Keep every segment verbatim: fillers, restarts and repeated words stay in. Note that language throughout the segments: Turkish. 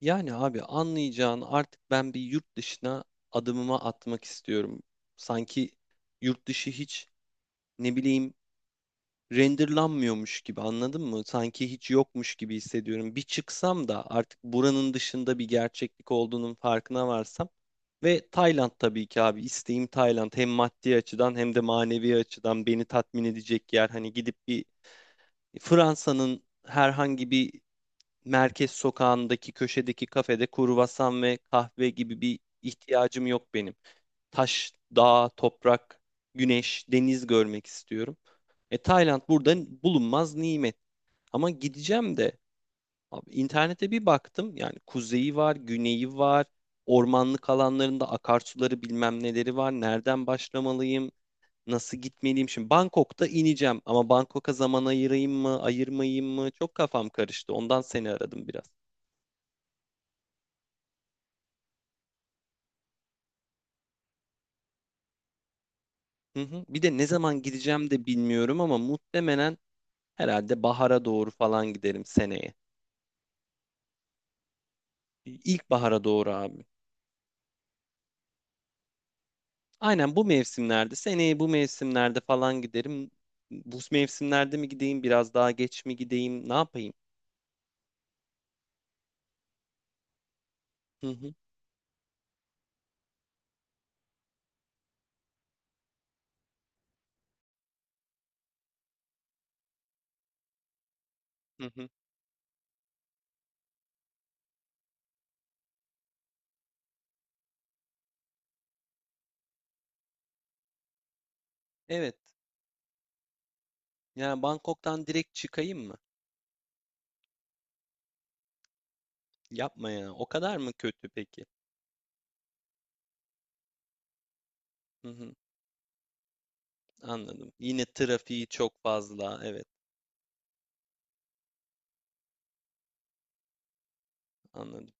Yani abi anlayacağın artık ben bir yurt dışına adımımı atmak istiyorum. Sanki yurt dışı hiç ne bileyim renderlanmıyormuş gibi anladın mı? Sanki hiç yokmuş gibi hissediyorum. Bir çıksam da artık buranın dışında bir gerçeklik olduğunun farkına varsam ve Tayland tabii ki abi isteğim Tayland hem maddi açıdan hem de manevi açıdan beni tatmin edecek yer. Hani gidip bir Fransa'nın herhangi bir merkez sokağındaki köşedeki kafede kruvasan ve kahve gibi bir ihtiyacım yok benim. Taş, dağ, toprak, güneş, deniz görmek istiyorum. E Tayland burada bulunmaz nimet. Ama gideceğim de abi, internete bir baktım. Yani kuzeyi var, güneyi var. Ormanlık alanlarında akarsuları bilmem neleri var. Nereden başlamalıyım? Nasıl gitmeliyim? Şimdi Bangkok'ta ineceğim ama Bangkok'a zaman ayırayım mı, ayırmayayım mı? Çok kafam karıştı. Ondan seni aradım biraz. Hı hı. Bir de ne zaman gideceğim de bilmiyorum ama muhtemelen herhalde bahara doğru falan giderim seneye. İlkbahara doğru abi. Aynen bu mevsimlerde, seneye bu mevsimlerde falan giderim. Bu mevsimlerde mi gideyim, biraz daha geç mi gideyim, ne yapayım? Hı hı, hı hı. Evet. Yani Bangkok'tan direkt çıkayım mı? Yapma ya. O kadar mı kötü peki? Hı hı, anladım. Yine trafiği çok fazla. Evet, anladım.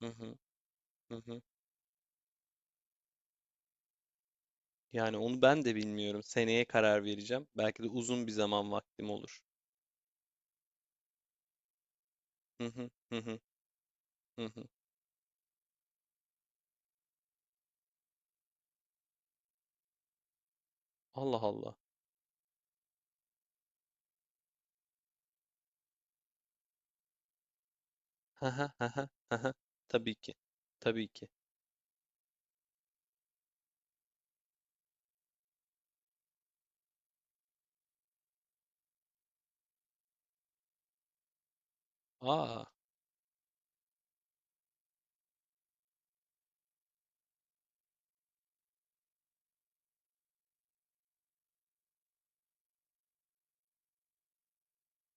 Hı hı, hı hı. Yani onu ben de bilmiyorum. Seneye karar vereceğim. Belki de uzun bir zaman vaktim olur. Hı hı hı hı hı hı. Allah Allah. Hı hı hı hı hı hı. Tabii ki. Tabii ki. Aa.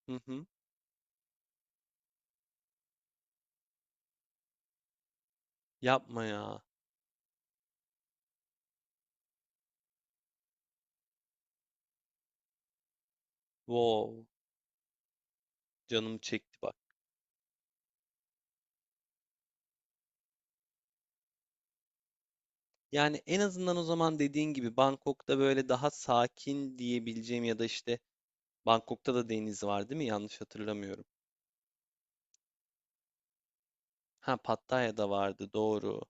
Hı hı. Yapma ya. Wow. Canım çekti bak. Yani en azından o zaman dediğin gibi Bangkok'ta böyle daha sakin diyebileceğim ya da işte Bangkok'ta da deniz var değil mi? Yanlış hatırlamıyorum. Ha Pattaya'da vardı doğru.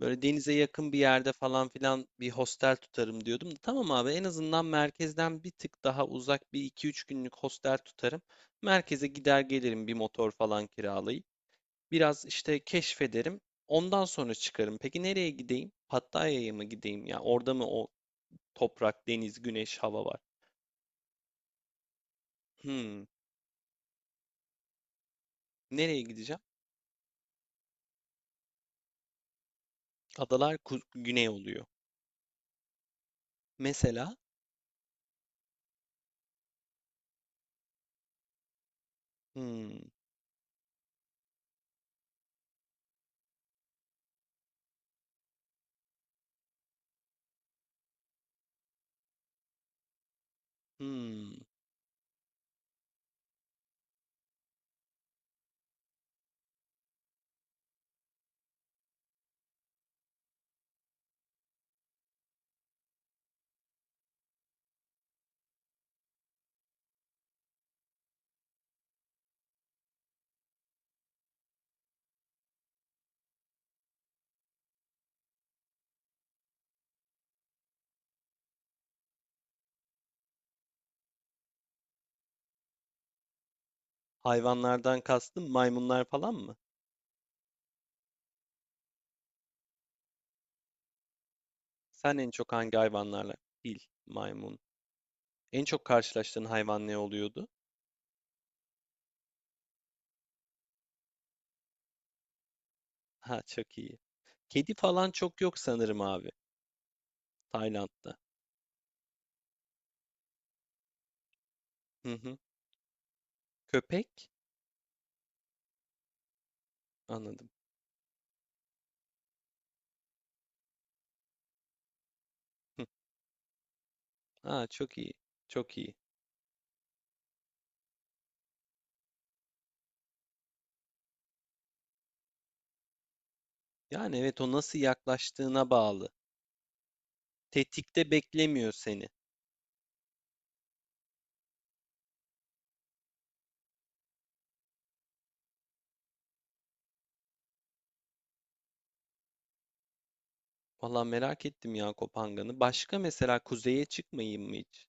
Böyle denize yakın bir yerde falan filan bir hostel tutarım diyordum. Da, Tamam abi en azından merkezden bir tık daha uzak bir iki üç günlük hostel tutarım. Merkeze gider gelirim bir motor falan kiralayıp. Biraz işte keşfederim. Ondan sonra çıkarım. Peki nereye gideyim? Pattaya'ya mı gideyim ya? Orada mı o toprak, deniz, güneş, hava var? Hmm. Nereye gideceğim? Adalar ku- güney oluyor. Mesela hmm, hmm. Hayvanlardan kastım maymunlar falan mı? Sen en çok hangi hayvanlarla? Fil, maymun. En çok karşılaştığın hayvan ne oluyordu? Ha çok iyi. Kedi falan çok yok sanırım abi. Tayland'da. Hı hı. Köpek? Anladım. Hı. Ha çok iyi. Çok iyi. Yani evet o nasıl yaklaştığına bağlı. Tetikte beklemiyor seni. Valla merak ettim ya Kopangan'ı. Başka mesela kuzeye çıkmayayım mı hiç?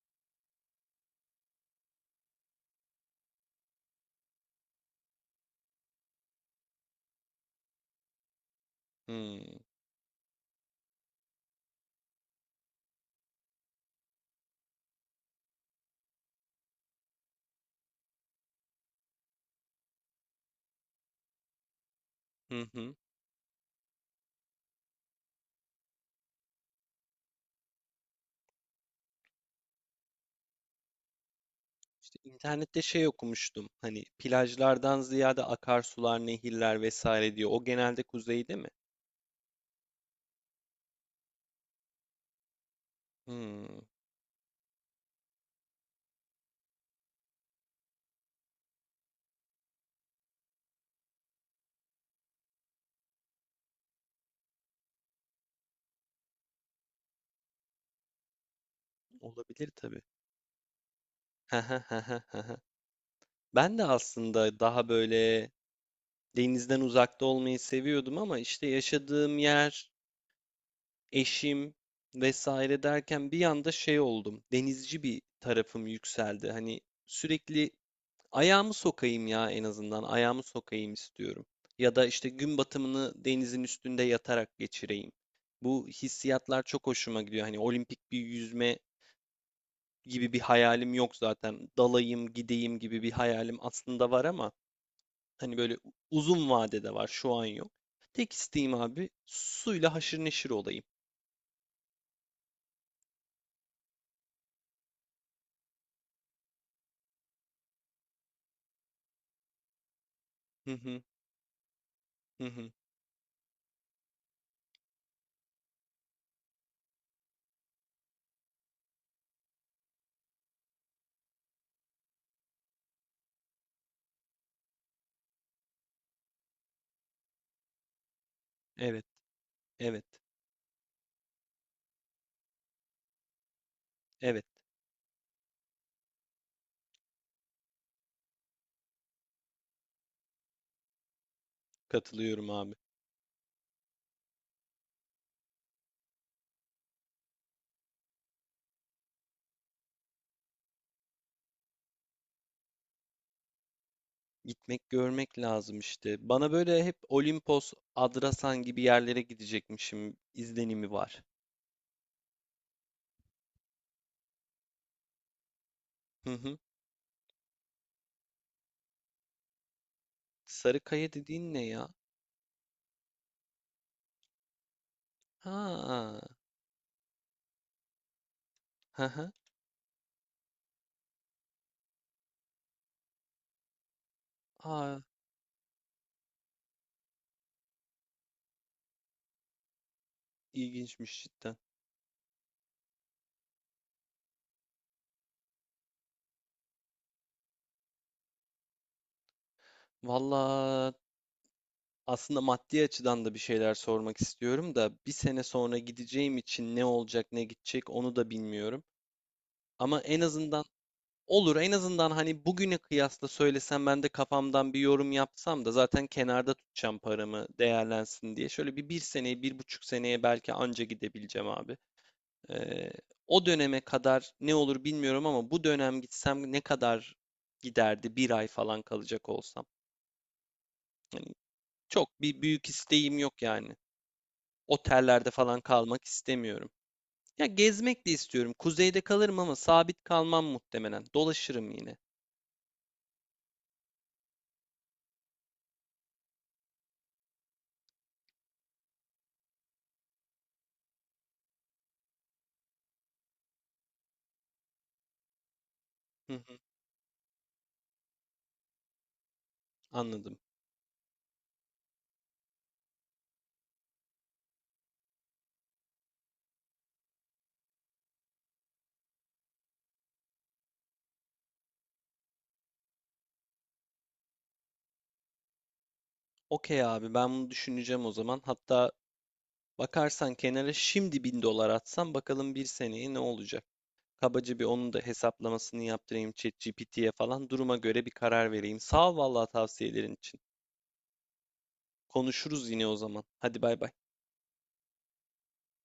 Hmm. Hı hı. İşte internette şey okumuştum. Hani plajlardan ziyade akarsular, nehirler vesaire diyor. O genelde kuzeyde mi? Hmm, olabilir tabii. Ben de aslında daha böyle denizden uzakta olmayı seviyordum ama işte yaşadığım yer, eşim vesaire derken bir anda şey oldum. Denizci bir tarafım yükseldi. Hani sürekli ayağımı sokayım ya en azından. Ayağımı sokayım istiyorum. Ya da işte gün batımını denizin üstünde yatarak geçireyim. Bu hissiyatlar çok hoşuma gidiyor. Hani olimpik bir yüzme gibi bir hayalim yok zaten. Dalayım, gideyim gibi bir hayalim aslında var ama hani böyle uzun vadede var. Şu an yok. Tek isteğim abi suyla haşır neşir olayım. Hı hı hı hı. Evet, evet, evet. Katılıyorum abi. Gitmek görmek lazım işte. Bana böyle hep Olimpos, Adrasan gibi yerlere gidecekmişim izlenimi var. Hı hı. Sarıkaya dediğin ne ya? Ha. Hı hı. Aa, ilginçmiş cidden. Valla aslında maddi açıdan da bir şeyler sormak istiyorum da bir sene sonra gideceğim için ne olacak ne gidecek onu da bilmiyorum. Ama en azından olur en azından hani bugüne kıyasla söylesem ben de kafamdan bir yorum yapsam da zaten kenarda tutacağım paramı değerlensin diye. Şöyle bir bir seneye bir buçuk seneye belki anca gidebileceğim abi. Ee, O döneme kadar ne olur bilmiyorum ama bu dönem gitsem ne kadar giderdi bir ay falan kalacak olsam. Hani çok bir büyük isteğim yok yani. Otellerde falan kalmak istemiyorum. Ya gezmek de istiyorum. Kuzeyde kalırım ama sabit kalmam muhtemelen. Dolaşırım yine. Hı hı, anladım. Okey abi ben bunu düşüneceğim o zaman. Hatta bakarsan kenara şimdi bin dolar atsam bakalım bir seneye ne olacak. Kabaca bir onun da hesaplamasını yaptırayım ChatGPT'ye falan duruma göre bir karar vereyim. Sağ ol vallahi tavsiyelerin için. Konuşuruz yine o zaman. Hadi bay bay.